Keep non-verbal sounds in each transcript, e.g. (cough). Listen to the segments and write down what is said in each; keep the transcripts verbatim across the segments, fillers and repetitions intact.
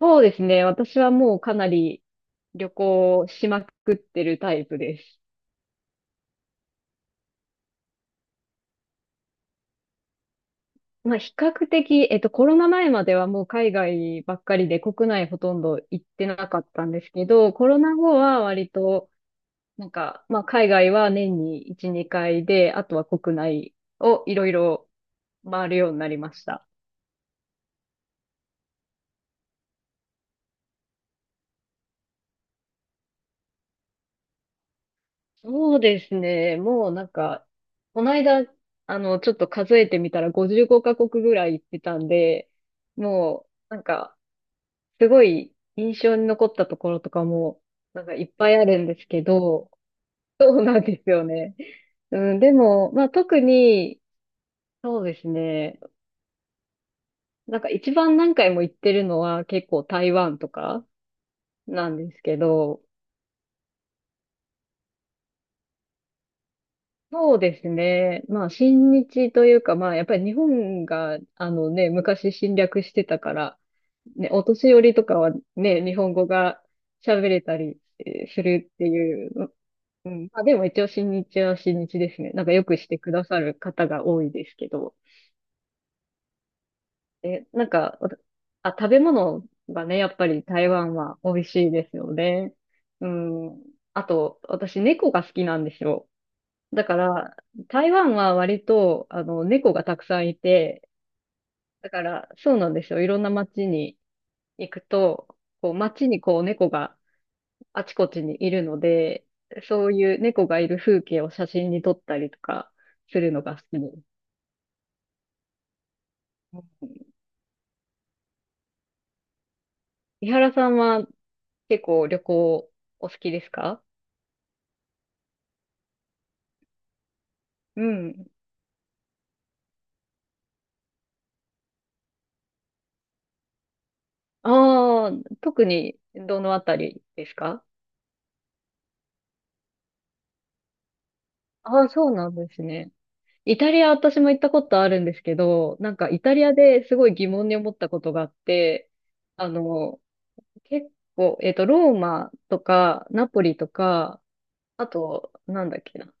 そうですね。私はもうかなり旅行しまくってるタイプです。まあ比較的、えっとコロナ前まではもう海外ばっかりで国内ほとんど行ってなかったんですけど、コロナ後は割となんか、まあ海外は年にいち、にかいで、あとは国内をいろいろ回るようになりました。そうですね。もうなんか、この間、あの、ちょっと数えてみたらごじゅうごカ国ぐらい行ってたんで、もう、なんか、すごい印象に残ったところとかも、なんかいっぱいあるんですけど、そうなんですよね。うん、でも、まあ特に、そうですね。なんか一番何回も行ってるのは結構台湾とかなんですけど、そうですね。まあ親日というか、まあやっぱり日本が、あのね、昔侵略してたから、ね、お年寄りとかはね、日本語が喋れたりえーするっていう。うん。まあでも一応新日は新日ですね。なんかよくしてくださる方が多いですけど。え、なんか、わたあ、食べ物がね、やっぱり台湾は美味しいですよね。うん。あと、私猫が好きなんですよ。だから、台湾は割と、あの、猫がたくさんいて、だから、そうなんですよ。いろんな街に行くと、こう、街にこう、猫があちこちにいるので、そういう猫がいる風景を写真に撮ったりとかするのが好きです。伊原さんは結構旅行お好きですか？うん。ああ、特にどのあたりですか？ああ、そうなんですね。イタリア私も行ったことあるんですけど、なんかイタリアですごい疑問に思ったことがあって、あの、結構、えっと、ローマとか、ナポリとか、あと、なんだっけな。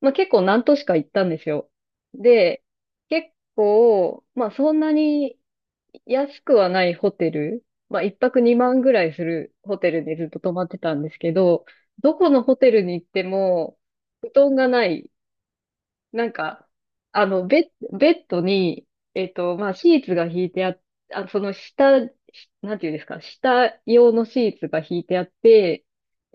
まあ結構何都市か行ったんですよ。で、結構、まあそんなに安くはないホテル、まあ一泊にまんぐらいするホテルでずっと泊まってたんですけど、どこのホテルに行っても、布団がない。なんか、あの、ベッ、ベッドに、えっと、まあシーツが敷いてあっ、あ、その下、なんていうんですか、下用のシーツが敷いてあって、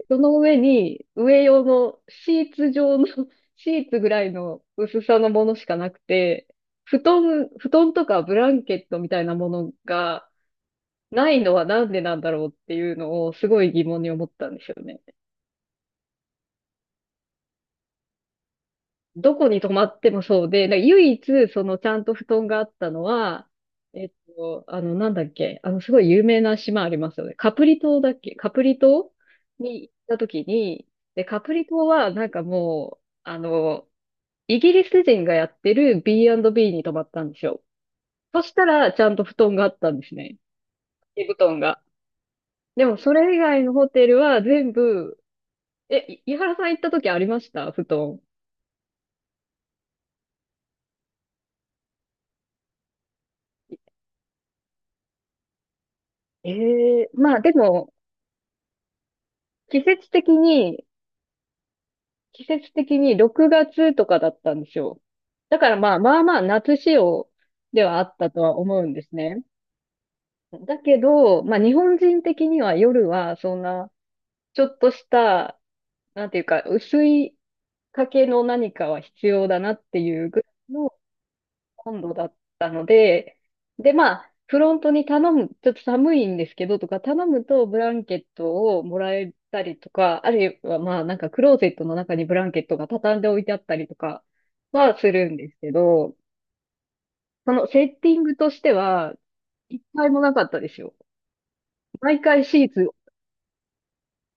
その上に、上用のシーツ状の (laughs) シーツぐらいの薄さのものしかなくて、布団、布団とかブランケットみたいなものがないのはなんでなんだろうっていうのをすごい疑問に思ったんですよね。どこに泊まってもそうで、なんか唯一そのちゃんと布団があったのは、えっと、あの、なんだっけ、あの、すごい有名な島ありますよね。カプリ島だっけ、カプリ島に行った時に、で、カプリ島はなんかもう、あの、イギリス人がやってる ビーアンドビー に泊まったんですよ。そしたら、ちゃんと布団があったんですね。掛け布団が。でも、それ以外のホテルは全部、え、い井原さん行った時ありました、布団？ええーまあでも、季節的に、季節的にろくがつとかだったんですよ。だからまあまあまあ夏仕様ではあったとは思うんですね。だけど、まあ日本人的には夜はそんな、ちょっとしたなんていうか、薄い掛けの何かは必要だなっていうぐらいの温度だったので、で、まあ、フロントに頼む、ちょっと寒いんですけどとか、頼むとブランケットをもらえたりとか、あるいはまあ、なんかクローゼットの中にブランケットが畳んで置いてあったりとかはするんですけど、そのセッティングとしては、一回もなかったですよ。毎回シーツ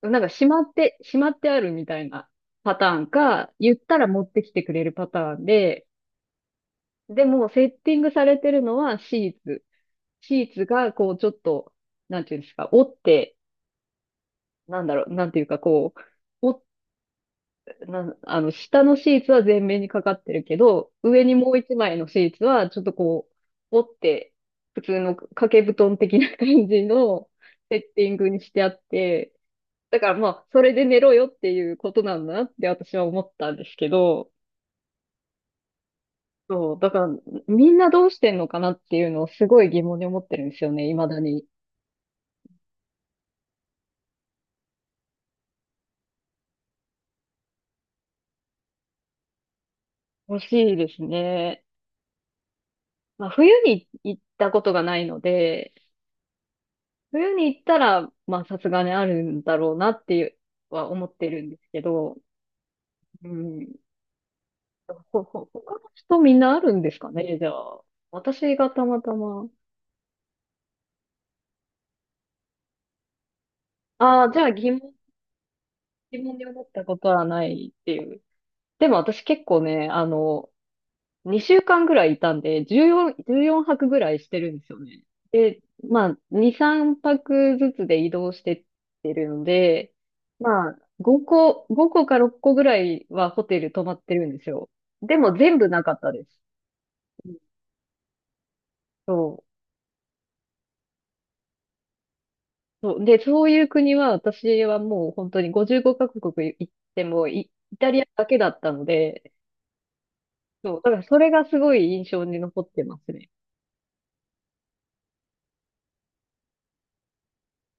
なんかしまって、しまってあるみたいなパターンか、言ったら持ってきてくれるパターンで、でもセッティングされてるのはシーツ。シーツがこうちょっと、なんていうんですか、折って、なんだろう、なんていうかこう、折っなん、あの、下のシーツは全面にかかってるけど、上にもう一枚のシーツはちょっとこう、折って、普通の掛け布団的な感じのセッティングにしてあって、だからまあ、それで寝ろよっていうことなんだなって私は思ったんですけど、そう、だからみんなどうしてんのかなっていうのをすごい疑問に思ってるんですよね、未だに。欲しいですね。まあ、冬に行ったことがないので、冬に行ったら、まあ、さすがにあるんだろうなっていうは思ってるんですけど、うん。ほ、ほ、他の人みんなあるんですかね、じゃあ。私がたまたま。ああ、じゃあ疑問、疑問に思ったことはないっていう。でも私結構ね、あの、にしゅうかんぐらいいたんで、じゅうよん、じゅうよんはくぐらいしてるんですよね。まあ、に、さんぱくずつで移動してってるので、まあ、ごこ、ごこかろっこぐらいはホテル泊まってるんですよ。でも全部なかったです。うん。そう。そう。で、そういう国は私はもう本当にごじゅうごカ国行ってもイ、イタリアだけだったので、そう。だからそれがすごい印象に残ってますね。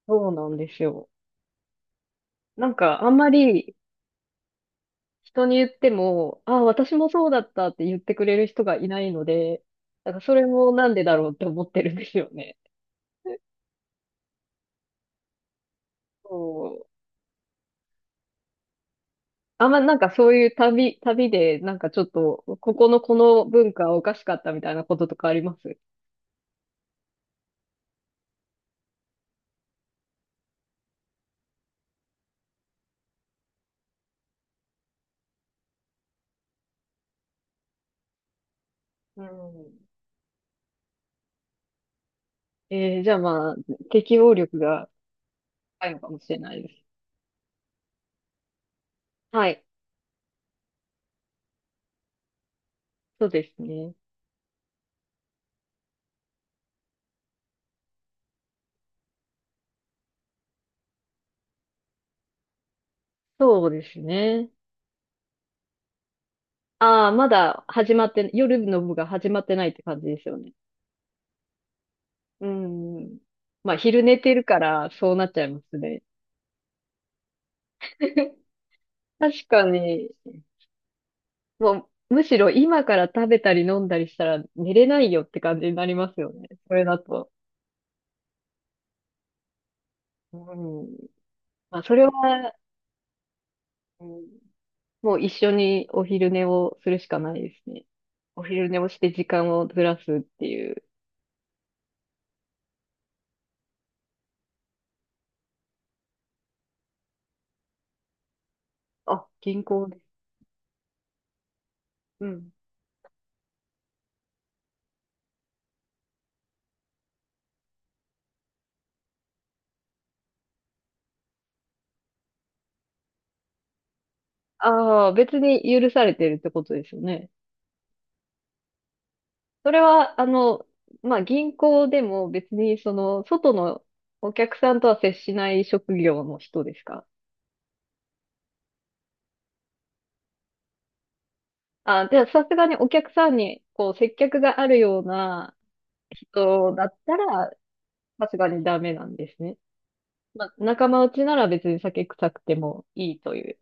そうなんですよ。なんかあんまり人に言っても、ああ、私もそうだったって言ってくれる人がいないので、なんかそれもなんでだろうって思ってるんですよね。そう。あんまなんかそういう旅、旅でなんかちょっと、ここのこの文化はおかしかったみたいなこととかあります？うん。えー、じゃあまあ、適応力が高いのかもしれないです。はい。そうですね。そうですね。ああ、まだ始まって、夜の部が始まってないって感じですよね。うん。まあ、昼寝てるから、そうなっちゃいますね。(laughs) 確かに、もう、むしろ今から食べたり飲んだりしたら寝れないよって感じになりますよね。それだと。うん。まあ、それは、うん、もう一緒にお昼寝をするしかないですね。お昼寝をして時間をずらすっていう。あ、銀行です。うん。ああ、別に許されてるってことですよね。それは、あの、まあ、銀行でも別に、その、外のお客さんとは接しない職業の人ですか？あ、じゃあ、さすがにお客さんに、こう、接客があるような人だったら、さすがにダメなんですね。まあ、仲間内なら別に酒臭くてもいいという。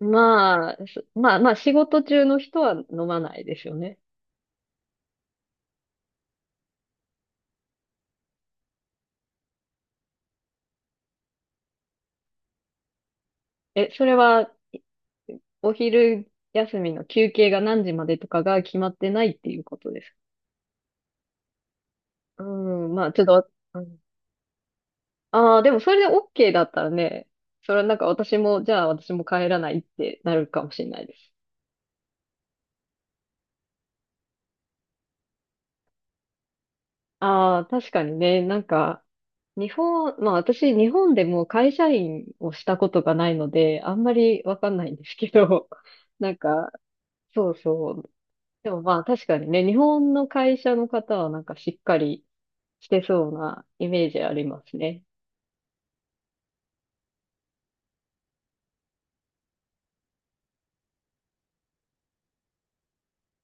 まあ、そまあ、まあ、仕事中の人は飲まないですよね。え、それは、お昼休みの休憩が何時までとかが決まってないっていうことですか？うん、まあ、ちょっとわ、うん、ああ、でもそれで OK だったらね、それはなんか私も、じゃあ私も帰らないってなるかもしれないです。ああ、確かにね、なんか、日本、まあ私、日本でもう会社員をしたことがないので、あんまりわかんないんですけど、(laughs) なんか、そうそう。でもまあ確かにね、日本の会社の方はなんかしっかりしてそうなイメージありますね。